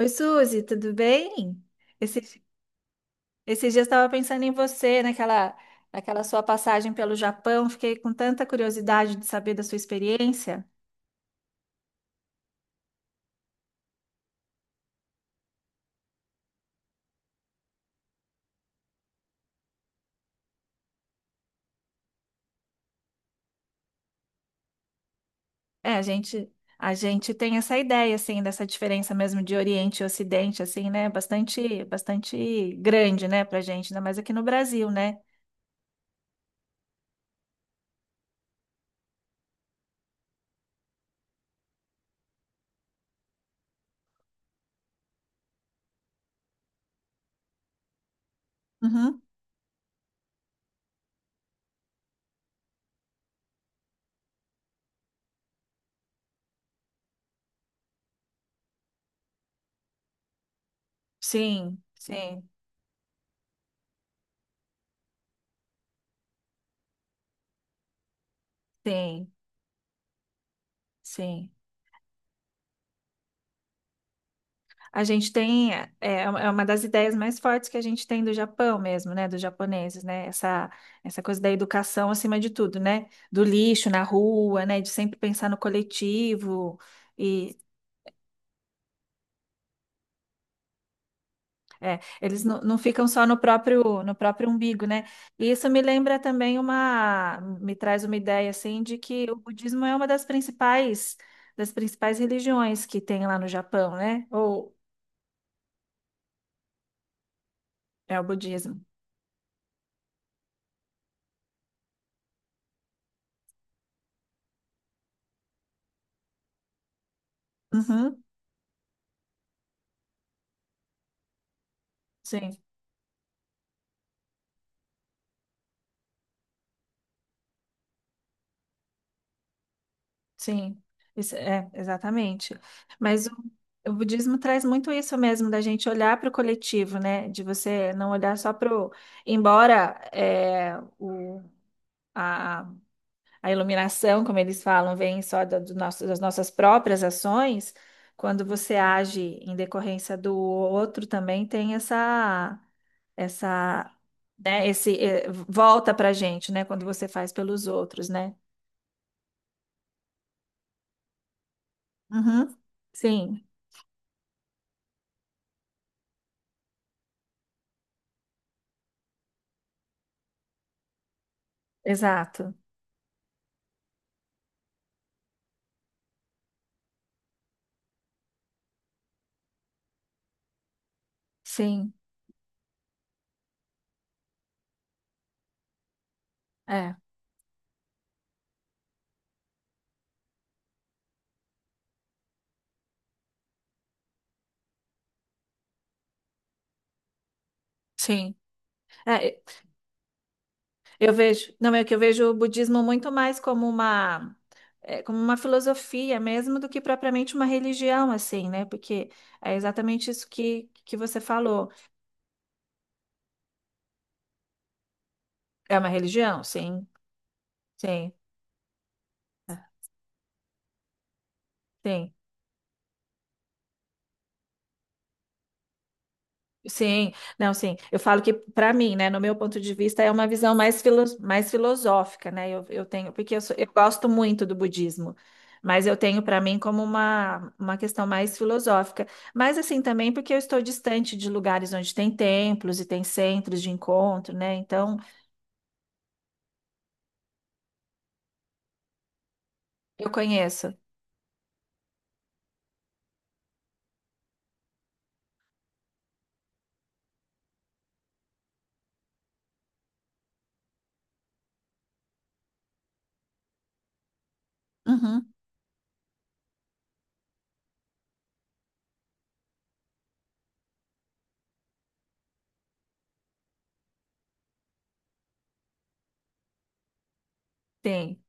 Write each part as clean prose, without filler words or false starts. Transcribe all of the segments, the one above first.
Oi, Suzy, tudo bem? Esses, esses dias eu estava pensando em você, naquela sua passagem pelo Japão. Fiquei com tanta curiosidade de saber da sua experiência. É, a gente, a gente tem essa ideia, assim, dessa diferença mesmo de Oriente e Ocidente, assim, né? Bastante grande, né, pra gente, ainda mais aqui no Brasil, né? Uhum. Sim, sim, sim, sim. A gente tem, é, é uma das ideias mais fortes que a gente tem do Japão mesmo, né, dos japoneses, né, essa coisa da educação acima de tudo, né, do lixo na rua, né, de sempre pensar no coletivo e é, eles não, não ficam só no próprio, no próprio umbigo, né, e isso me lembra também uma, me traz uma ideia, assim, de que o budismo é uma das principais religiões que tem lá no Japão, né, ou é o budismo. Uhum, sim. Sim, isso é exatamente. Mas o, o budismo traz muito isso mesmo, da gente olhar para o coletivo, né? De você não olhar só para o. Embora a, a iluminação, como eles falam, vem só do nosso, das nossas próprias ações, quando você age em decorrência do outro, também tem essa, né? Esse volta para a gente, né? Quando você faz pelos outros, né? Uhum. Sim, exato. Sim, é, sim. É, eu vejo, não é que eu vejo o budismo muito mais como uma, é, como uma filosofia mesmo do que propriamente uma religião, assim, né? Porque é exatamente isso que você falou. É uma religião? Sim, sim, é, sim. Sim, não, sim. Eu falo que, para mim, né, no meu ponto de vista, é uma visão mais, mais filosófica, né? Eu tenho, porque eu, eu gosto muito do budismo, mas eu tenho para mim como uma questão mais filosófica. Mas, assim, também porque eu estou distante de lugares onde tem templos e tem centros de encontro, né? Então, eu conheço. Uhum, sim.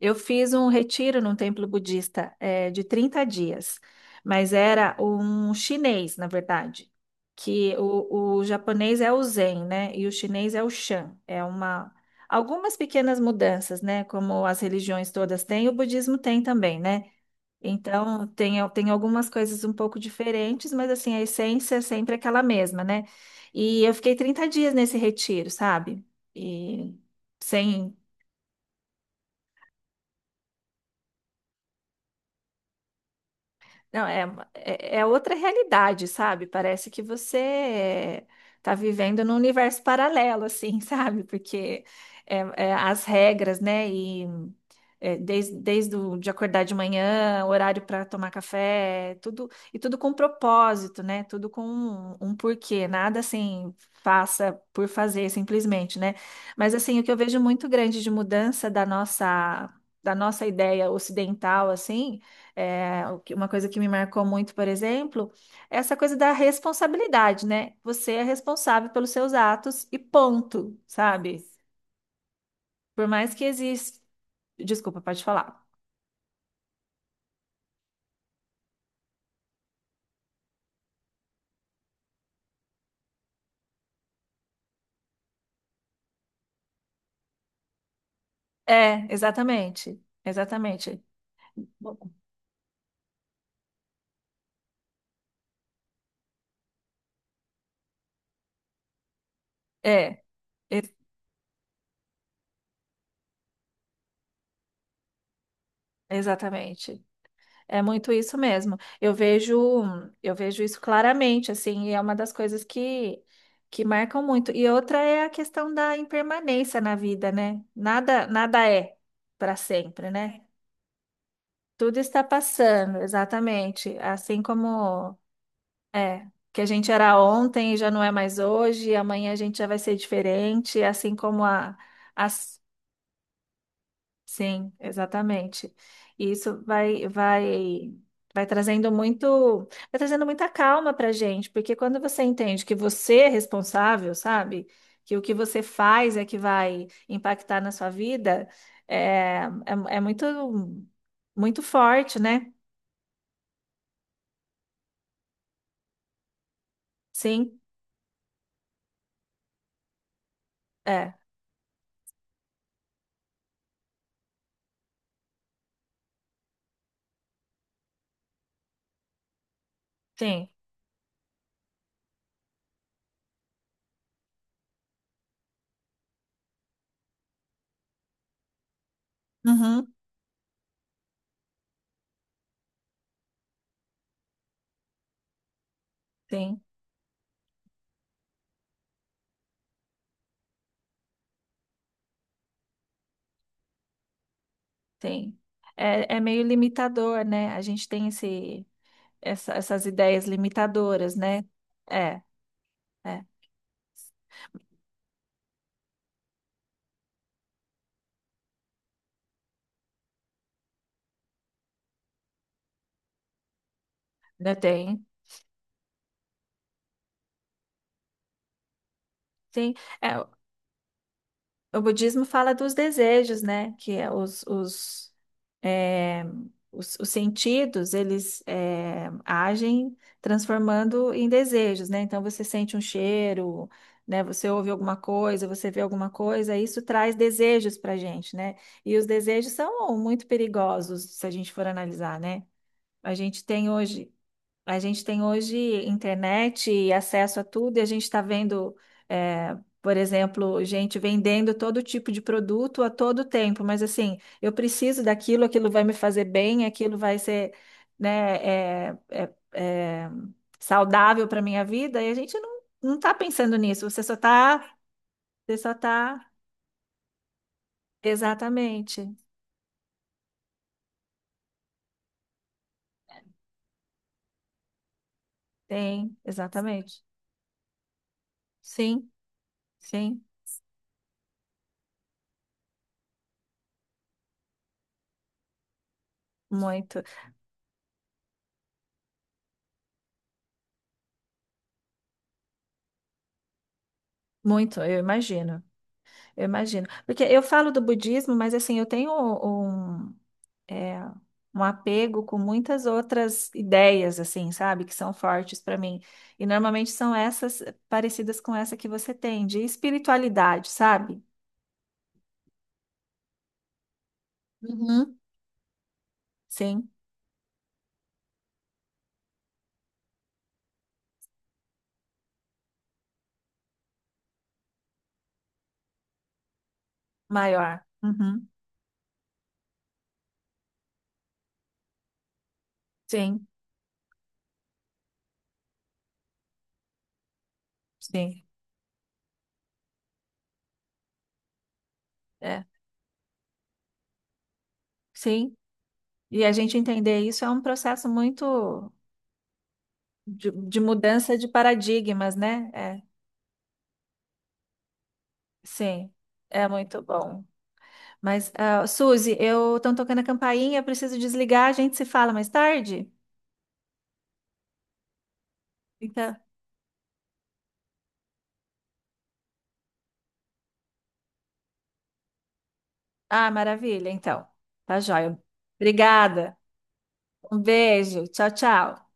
Eu fiz um retiro num templo budista, de 30 dias, mas era um chinês, na verdade, que o japonês é o Zen, né? E o chinês é o Shan. É uma algumas pequenas mudanças, né? Como as religiões todas têm, o budismo tem também, né? Então tem, tem algumas coisas um pouco diferentes, mas assim, a essência é sempre aquela mesma, né? E eu fiquei 30 dias nesse retiro, sabe? E sem não, é outra realidade, sabe? Parece que você está vivendo num universo paralelo, assim, sabe? Porque é, é, as regras, né? E é, desde de acordar de manhã, horário para tomar café, tudo e tudo com propósito, né? Tudo com um, um porquê, nada assim faça por fazer simplesmente, né? Mas assim, o que eu vejo muito grande de mudança da nossa ideia ocidental, assim, é, uma coisa que me marcou muito, por exemplo, é essa coisa da responsabilidade, né? Você é responsável pelos seus atos e ponto, sabe? Por mais que exista. Desculpa, pode falar. É, exatamente. Exatamente. É, e- exatamente. É muito isso mesmo. Eu vejo isso claramente, assim, e é uma das coisas que marcam muito. E outra é a questão da impermanência na vida, né? Nada, nada é para sempre, né? Tudo está passando, exatamente. Assim como é que a gente era ontem e já não é mais hoje, e amanhã a gente já vai ser diferente, assim como a, as sim, exatamente. E isso vai trazendo muito, vai trazendo muita calma para gente, porque quando você entende que você é responsável, sabe? Que o que você faz é que vai impactar na sua vida, é muito, muito forte, né? Sim, é, sim, uhum, sim, sim. É, é meio limitador, né? A gente tem esse, essas ideias limitadoras, né? É, é, ainda tem. Sim, é, o budismo fala dos desejos, né? Que é é, os sentidos, eles é, agem transformando em desejos, né? Então você sente um cheiro, né? Você ouve alguma coisa, você vê alguma coisa, isso traz desejos para gente, né? E os desejos são muito perigosos se a gente for analisar, né? A gente tem hoje a gente tem hoje internet e acesso a tudo, e a gente está vendo, é, por exemplo, gente vendendo todo tipo de produto a todo tempo, mas assim, eu preciso daquilo, aquilo vai me fazer bem, aquilo vai ser, né, é saudável para minha vida, e a gente não, não está pensando nisso, você só está, exatamente, tem, exatamente, sim, sim, muito, muito, eu imagino. Eu imagino. Porque eu falo do budismo, mas assim, eu tenho um, é, um apego com muitas outras ideias, assim, sabe? Que são fortes para mim. E normalmente são essas parecidas com essa que você tem, de espiritualidade, sabe? Uhum. Sim, maior. Uhum. Sim, sim. É, sim. E a gente entender isso é um processo muito de mudança de paradigmas, né? É, sim. É muito bom. Mas, ah, Suzy, eu estou tocando a campainha, eu preciso desligar, a gente se fala mais tarde? Então, ah, maravilha, então. Tá joia. Obrigada. Um beijo. Tchau, tchau.